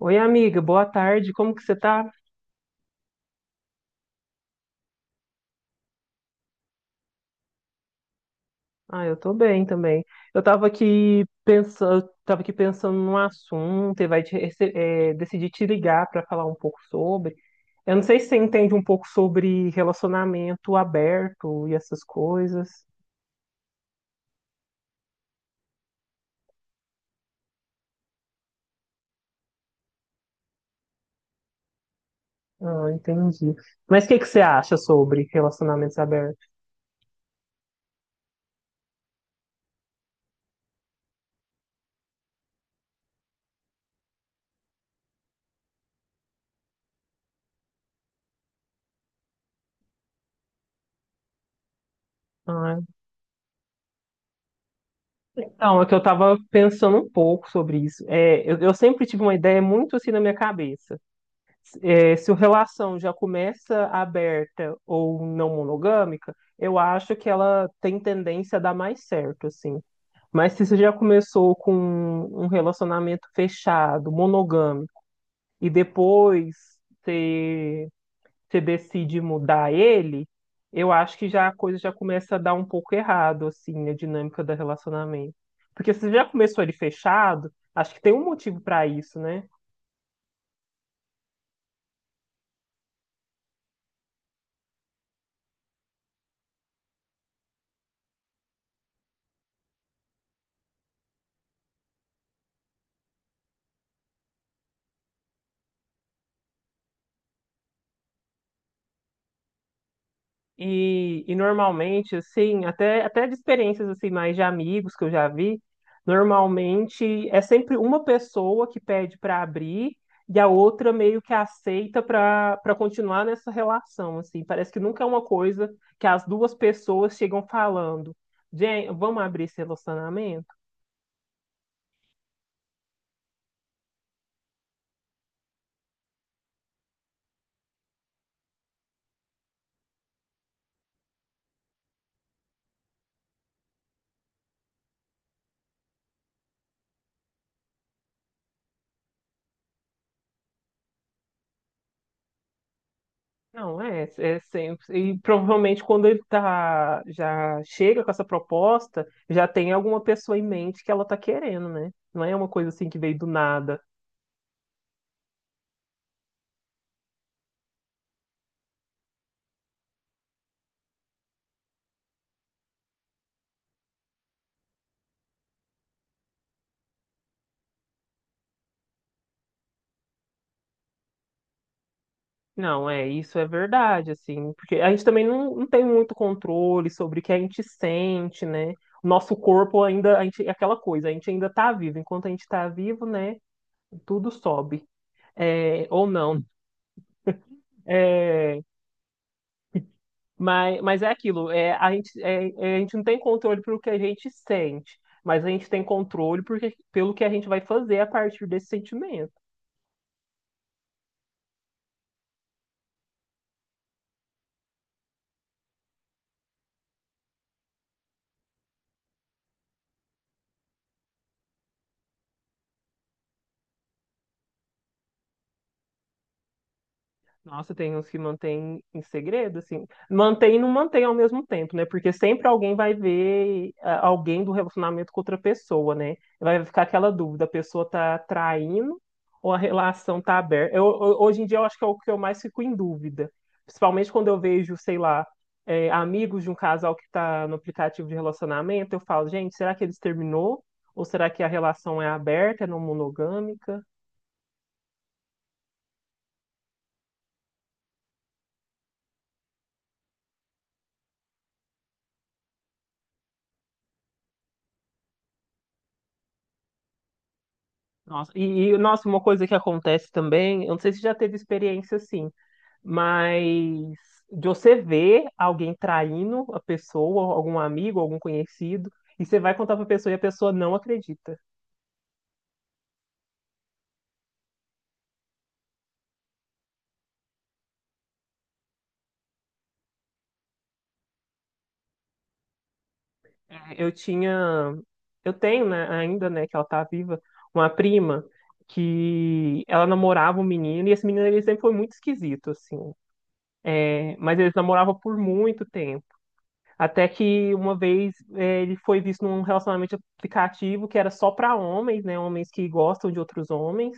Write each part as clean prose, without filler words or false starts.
Oi, amiga, boa tarde. Como que você tá? Ah, eu tô bem também. Eu tava aqui pensando num assunto e vai te, rece- é, decidi te ligar para falar um pouco sobre. Eu não sei se você entende um pouco sobre relacionamento aberto e essas coisas. Ah, entendi. Mas o que que você acha sobre relacionamentos abertos? Ah, então, é que eu tava pensando um pouco sobre isso. É, eu sempre tive uma ideia muito assim na minha cabeça. Se a relação já começa aberta ou não monogâmica, eu acho que ela tem tendência a dar mais certo, assim. Mas se você já começou com um relacionamento fechado, monogâmico, e depois você, você decide mudar ele, eu acho que já a coisa já começa a dar um pouco errado, assim, a dinâmica do relacionamento. Porque se você já começou ele fechado, acho que tem um motivo para isso, né? E normalmente, assim, até de experiências assim, mais de amigos que eu já vi, normalmente é sempre uma pessoa que pede para abrir e a outra meio que aceita para continuar nessa relação, assim. Parece que nunca é uma coisa que as duas pessoas chegam falando, gente, vamos abrir esse relacionamento? Não, é, é sempre. E provavelmente quando ele tá, já chega com essa proposta, já tem alguma pessoa em mente que ela tá querendo, né? Não é uma coisa assim que veio do nada. Não, é, isso é verdade, assim, porque a gente também não tem muito controle sobre o que a gente sente, né? O nosso corpo ainda, a gente, é aquela coisa, a gente ainda tá vivo. Enquanto a gente tá vivo, né? Tudo sobe. É, ou não. É, mas é aquilo, é, a gente, a gente não tem controle pelo que a gente sente, mas a gente tem controle pelo que a gente vai fazer a partir desse sentimento. Nossa, tem uns que mantêm em segredo, assim. Mantém e não mantém ao mesmo tempo, né? Porque sempre alguém vai ver ah, alguém do relacionamento com outra pessoa, né? Vai ficar aquela dúvida, a pessoa tá traindo ou a relação tá aberta? Hoje em dia eu acho que é o que eu mais fico em dúvida. Principalmente quando eu vejo, sei lá, amigos de um casal que tá no aplicativo de relacionamento, eu falo, gente, será que eles terminou? Ou será que a relação é aberta, é não monogâmica? Nossa, e nossa, uma coisa que acontece também, eu não sei se já teve experiência assim, mas de você ver alguém traindo a pessoa, algum amigo, algum conhecido, e você vai contar pra pessoa e a pessoa não acredita. É, eu tinha, eu tenho, né, ainda, né, que ela tá viva, uma prima que ela namorava um menino, e esse menino ele sempre foi muito esquisito, assim, é, mas eles namoravam por muito tempo. Até que uma vez ele foi visto num relacionamento aplicativo que era só para homens, né? Homens que gostam de outros homens.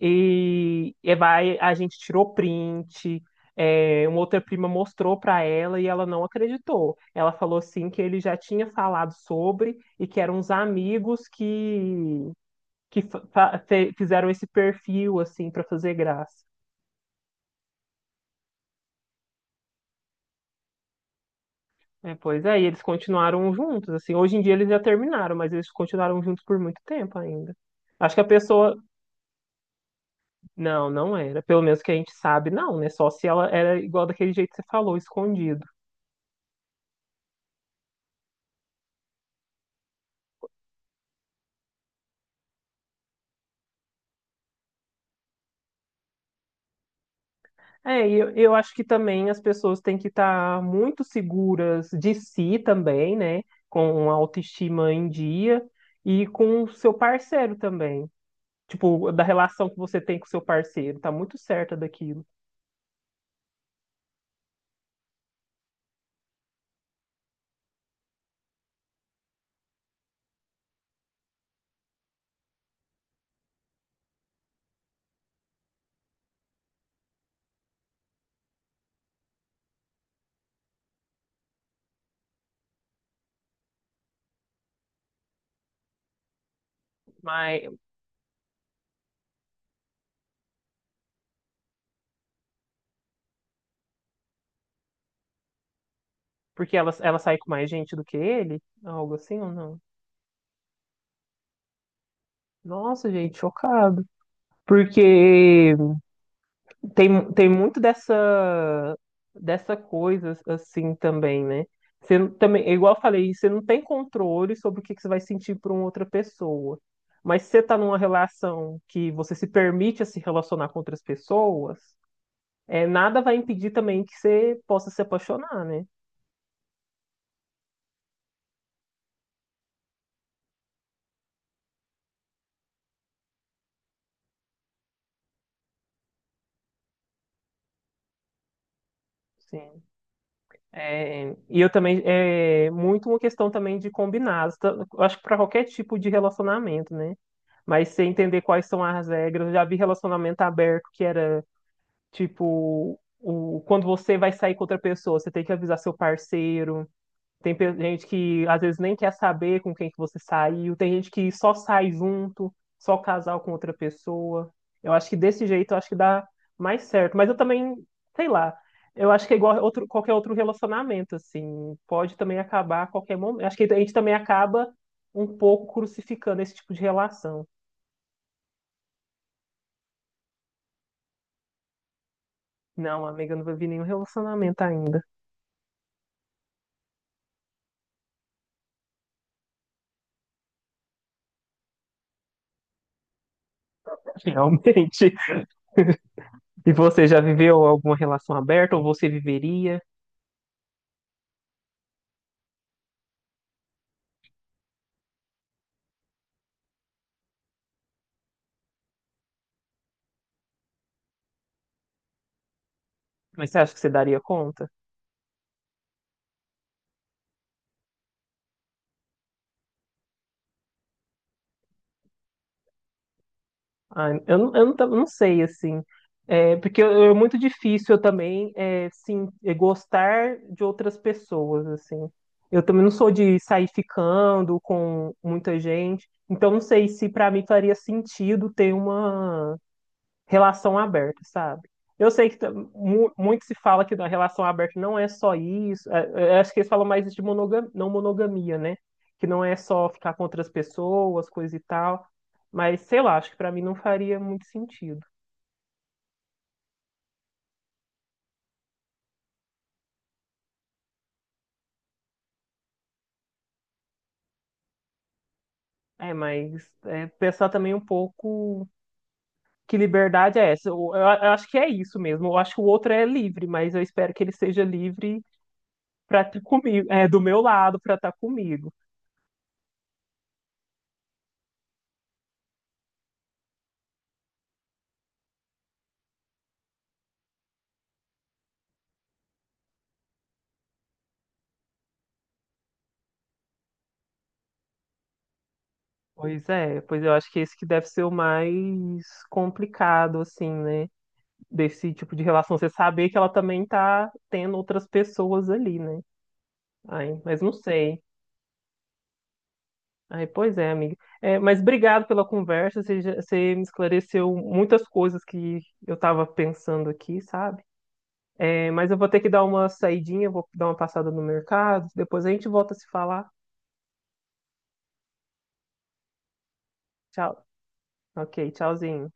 A gente tirou print, uma outra prima mostrou para ela e ela não acreditou. Ela falou assim que ele já tinha falado sobre e que eram uns amigos que fizeram esse perfil assim para fazer graça. É, pois é, e eles continuaram juntos, assim, hoje em dia eles já terminaram, mas eles continuaram juntos por muito tempo ainda. Acho que a pessoa, não era, pelo menos que a gente sabe, não, né, só se ela era igual daquele jeito que você falou, escondido. É, e eu acho que também as pessoas têm que estar muito seguras de si também, né, com uma autoestima em dia e com o seu parceiro também. Tipo, da relação que você tem com o seu parceiro, tá muito certa daquilo. Mas porque ela sai com mais gente do que ele? Algo assim ou não? Nossa, gente, chocado. Porque tem muito dessa, dessa coisa assim também, né? Você não- também, é igual eu falei, você não tem controle sobre o que que você vai sentir por uma outra pessoa. Mas se você tá numa relação que você se permite a se relacionar com outras pessoas, é, nada vai impedir também que você possa se apaixonar, né? Sim. É, e eu também é muito uma questão também de combinar. Eu acho que para qualquer tipo de relacionamento, né? Mas você entender quais são as regras. Eu já vi relacionamento aberto que era tipo o, quando você vai sair com outra pessoa, você tem que avisar seu parceiro. Gente que às vezes nem quer saber com quem que você saiu, tem gente que só sai junto, só casal com outra pessoa. Eu acho que desse jeito eu acho que dá mais certo. Mas eu também, sei lá, eu acho que é igual outro, qualquer outro relacionamento, assim, pode também acabar a qualquer momento. Acho que a gente também acaba um pouco crucificando esse tipo de relação. Não, amiga, eu não vivi nenhum relacionamento ainda, realmente. E você já viveu alguma relação aberta ou você viveria? Mas você acha que você daria conta? Ai, eu, eu não, não sei, assim. É, porque é muito difícil eu também, gostar de outras pessoas, assim. Eu também não sou de sair ficando com muita gente. Então, não sei se para mim faria sentido ter uma relação aberta, sabe? Eu sei que muito se fala que na relação aberta não é só isso. Acho que eles falam mais de monogamia, não monogamia, né? Que não é só ficar com outras pessoas, coisa e tal. Mas sei lá, acho que pra mim não faria muito sentido. É, mas é, pensar também um pouco que liberdade é essa. Eu acho que é isso mesmo. Eu acho que o outro é livre, mas eu espero que ele seja livre para comigo, é, do meu lado, para estar comigo. Pois é, pois eu acho que esse que deve ser o mais complicado, assim, né? Desse tipo de relação. Você saber que ela também tá tendo outras pessoas ali, né? Ai, mas não sei. Ai, pois é, amiga. É, mas obrigado pela conversa. Você, você me esclareceu muitas coisas que eu estava pensando aqui, sabe? É, mas eu vou ter que dar uma saidinha, vou dar uma passada no mercado. Depois a gente volta a se falar. Tchau. Ok, tchauzinho.